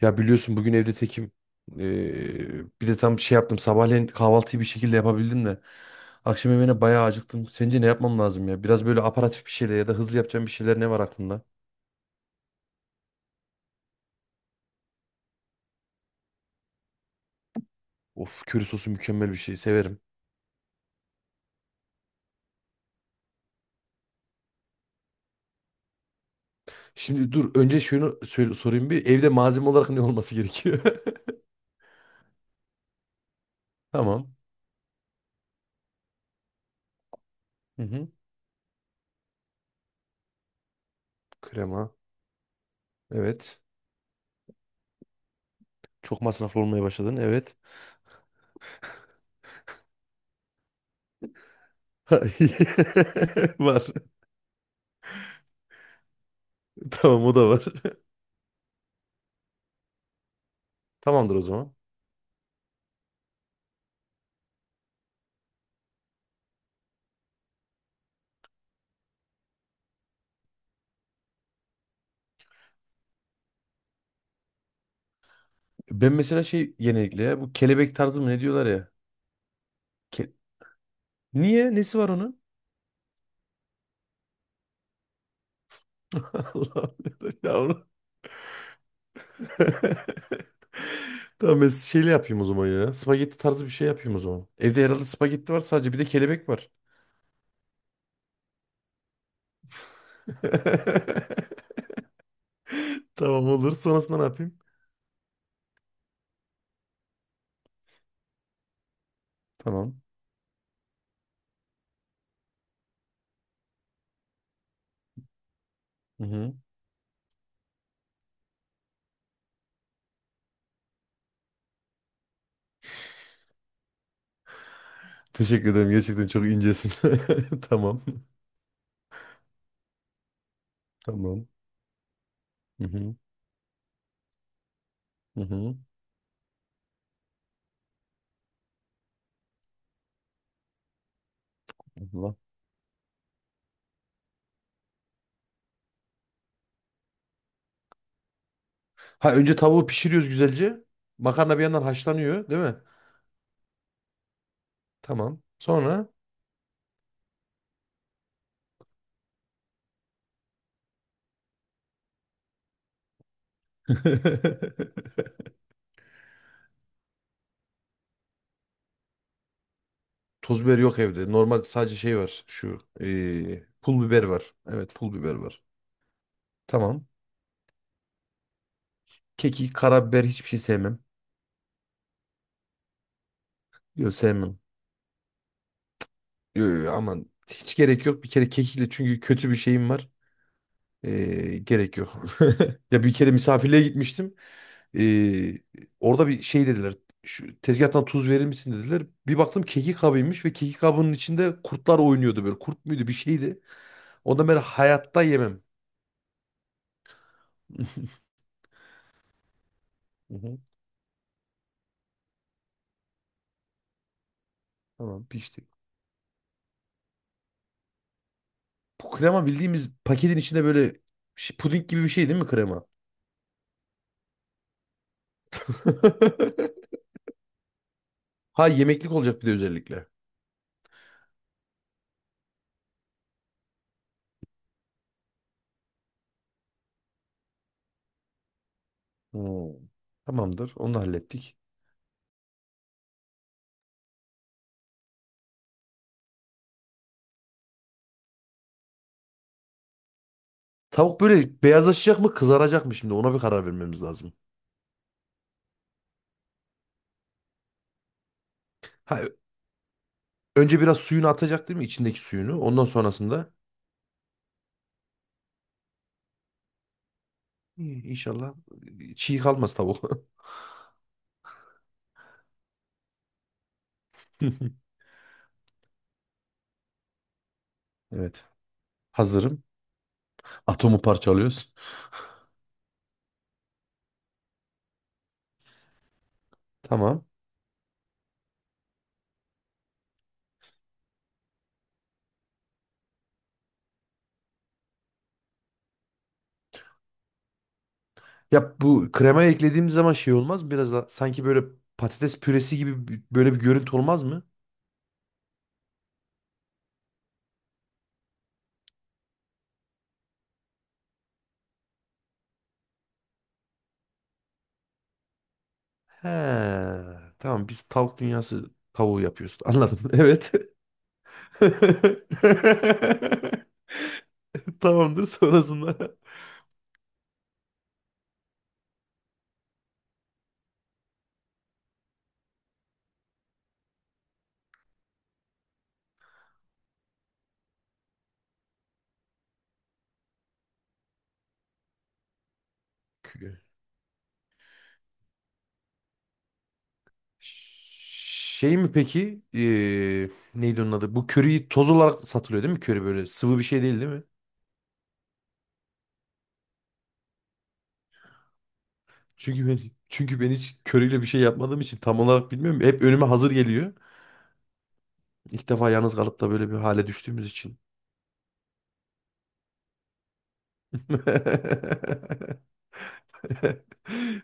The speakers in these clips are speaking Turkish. Ya biliyorsun bugün evde tekim. Bir de tam şey yaptım. Sabahleyin kahvaltıyı bir şekilde yapabildim de. Akşam yemeğine bayağı acıktım. Sence ne yapmam lazım ya? Biraz böyle aparatif bir şeyler ya da hızlı yapacağım bir şeyler ne var aklında? Of, köri sosu mükemmel bir şey. Severim. Şimdi dur önce şunu söyle, sorayım bir. Evde malzeme olarak ne olması gerekiyor? Tamam. Hı hı. Krema. Evet. Çok masraflı olmaya başladın. Evet. Var. Tamam, o da var. Tamamdır o zaman. Ben mesela şey, genellikle ya bu kelebek tarzı mı ne diyorlar ya. Ke- Niye? Nesi var onun? Allah'ım ya onu. Tamam, ben şeyle yapayım o zaman ya. Spagetti tarzı bir şey yapayım o zaman. Evde herhalde spagetti var sadece, bir de kelebek var. Tamam, olur. Sonrasında ne yapayım? Tamam. Hı-hı. Teşekkür ederim. Gerçekten çok incesin. Tamam. Tamam. Hı-hı. Hı-hı. Allah. Ha, önce tavuğu pişiriyoruz güzelce. Makarna bir yandan haşlanıyor, değil mi? Tamam. Sonra toz biber yok evde. Normal sadece şey var. Şu pul biber var. Evet, pul biber var. Tamam. Kekik, karabiber hiçbir şey sevmem. Yok, sevmem. Yo, yo, aman hiç gerek yok. Bir kere kekikle çünkü kötü bir şeyim var. Gerek yok. Ya bir kere misafirliğe gitmiştim. Eee, Orada bir şey dediler. Şu tezgahtan tuz verir misin dediler. Bir baktım kekik kabıymış ve kekik kabının içinde kurtlar oynuyordu böyle. Kurt muydu bir şeydi. Ondan beri hayatta yemem. Hı hı. Tamam, pişti. Bu krema bildiğimiz paketin içinde böyle puding gibi bir şey değil mi krema? Ha, yemeklik olacak bir de özellikle. Hmm. Tamamdır. Onu da hallettik. Tavuk böyle beyazlaşacak mı kızaracak mı, şimdi ona bir karar vermemiz lazım. Ha, önce biraz suyunu atacak değil mi, içindeki suyunu? Ondan sonrasında İyi, inşallah çiğ kalmaz tavuk. Evet. Hazırım. Atomu parçalıyoruz. Tamam. Ya bu kremaya eklediğimiz zaman şey olmaz mı? Biraz da sanki böyle patates püresi gibi bir, böyle bir görüntü olmaz mı? He, tamam, biz tavuk dünyası tavuğu yapıyoruz. Anladım. Evet. Tamamdır sonrasında. Kü- Şey mi peki? Neydi onun adı? Bu köriyi toz olarak satılıyor değil mi? Köri böyle sıvı bir şey değil, değil mi? Çünkü ben çünkü ben hiç köriyle bir şey yapmadığım için tam olarak bilmiyorum. Hep önüme hazır geliyor. İlk defa yalnız kalıp da böyle bir hale düştüğümüz için.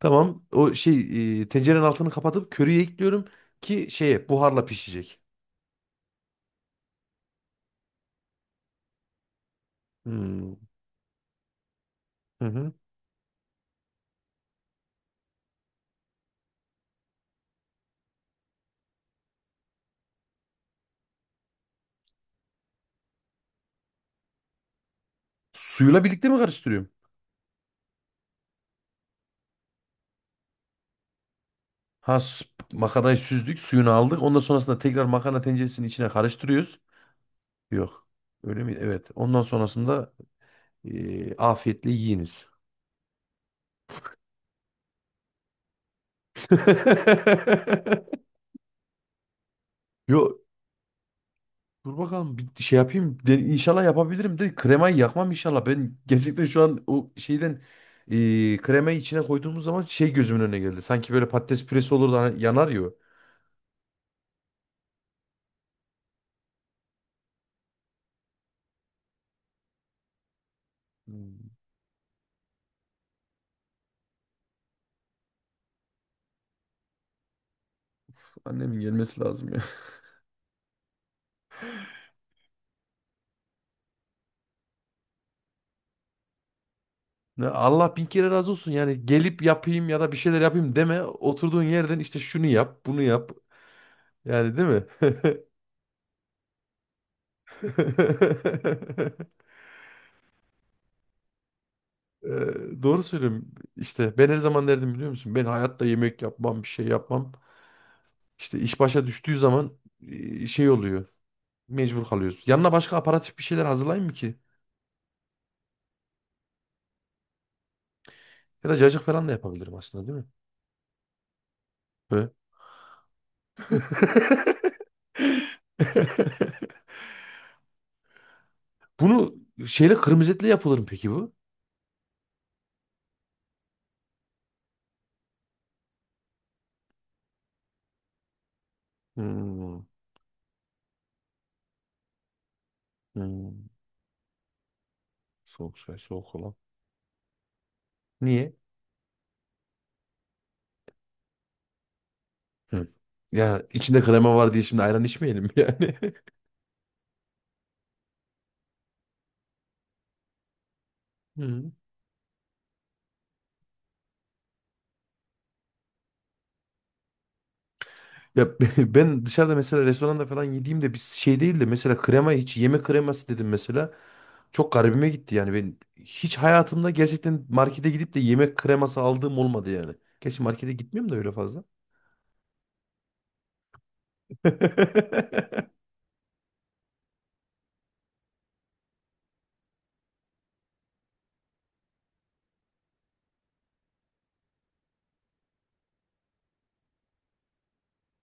Tamam. O şey, tencerenin altını kapatıp köriyi ekliyorum ki şeye buharla pişecek. Hmm. Hı hı. Suyla birlikte mi karıştırıyorum? Ha, makarnayı süzdük, suyunu aldık. Ondan sonrasında tekrar makarna tenceresinin içine karıştırıyoruz. Yok. Öyle mi? Evet. Ondan sonrasında afiyetle yiyiniz. Yo, dur bakalım bir şey yapayım. De, inşallah yapabilirim de kremayı yakmam inşallah. Ben gerçekten şu an o şeyden kremayı içine koyduğumuz zaman şey gözümün önüne geldi. Sanki böyle patates püresi olur da hani yanar ya. O. Hmm, annemin gelmesi lazım ya. Ne, Allah bin kere razı olsun, yani gelip yapayım ya da bir şeyler yapayım deme. Oturduğun yerden işte şunu yap, bunu yap. Yani, değil mi? Doğru söylüyorum. İşte ben her zaman derdim, biliyor musun? Ben hayatta yemek yapmam, bir şey yapmam. İşte iş başa düştüğü zaman şey oluyor. Mecbur kalıyoruz. Yanına başka aparatif bir şeyler hazırlayayım mı ki? Ya da cacık falan da yapabilirim aslında, değil mi? Böyle. Bunu şeyle, kırmızı etle yapılır mı peki bu? Hmm, hmm. Soğuk çay, soğuk kola. Niye? Hı. Ya içinde krema var diye şimdi ayran içmeyelim yani. Hı. Ya ben dışarıda mesela restoranda falan yediğimde bir şey değil de mesela krema, hiç yeme kreması dedim mesela. Çok garibime gitti yani. Ben hiç hayatımda gerçekten markete gidip de yemek kreması aldığım olmadı yani. Gerçi markete gitmiyorum da öyle fazla.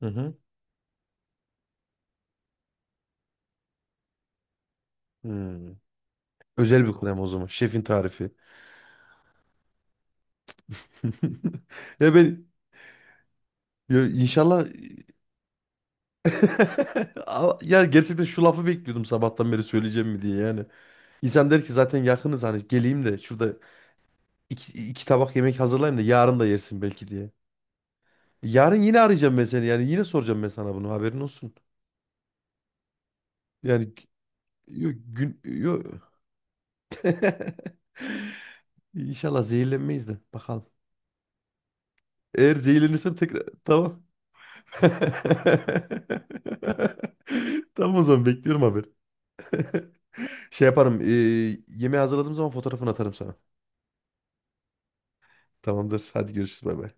Hı hı. Hmm. Özel bir krema o zaman. Şefin tarifi. Ya ben ya inşallah. Ya gerçekten şu lafı bekliyordum sabahtan beri, söyleyeceğim mi diye yani. İnsan der ki zaten yakınız, hani geleyim de şurada iki tabak yemek hazırlayayım da yarın da yersin belki diye. Yarın yine arayacağım ben seni, yani yine soracağım ben sana bunu, haberin olsun. Yani, yok gün yok. İnşallah zehirlenmeyiz de bakalım. Eğer zehirlenirsem tekrar tamam. Tamam o zaman, bekliyorum haber. Şey yaparım. Yemeği hazırladığım zaman fotoğrafını atarım sana. Tamamdır. Hadi görüşürüz. Bay bay.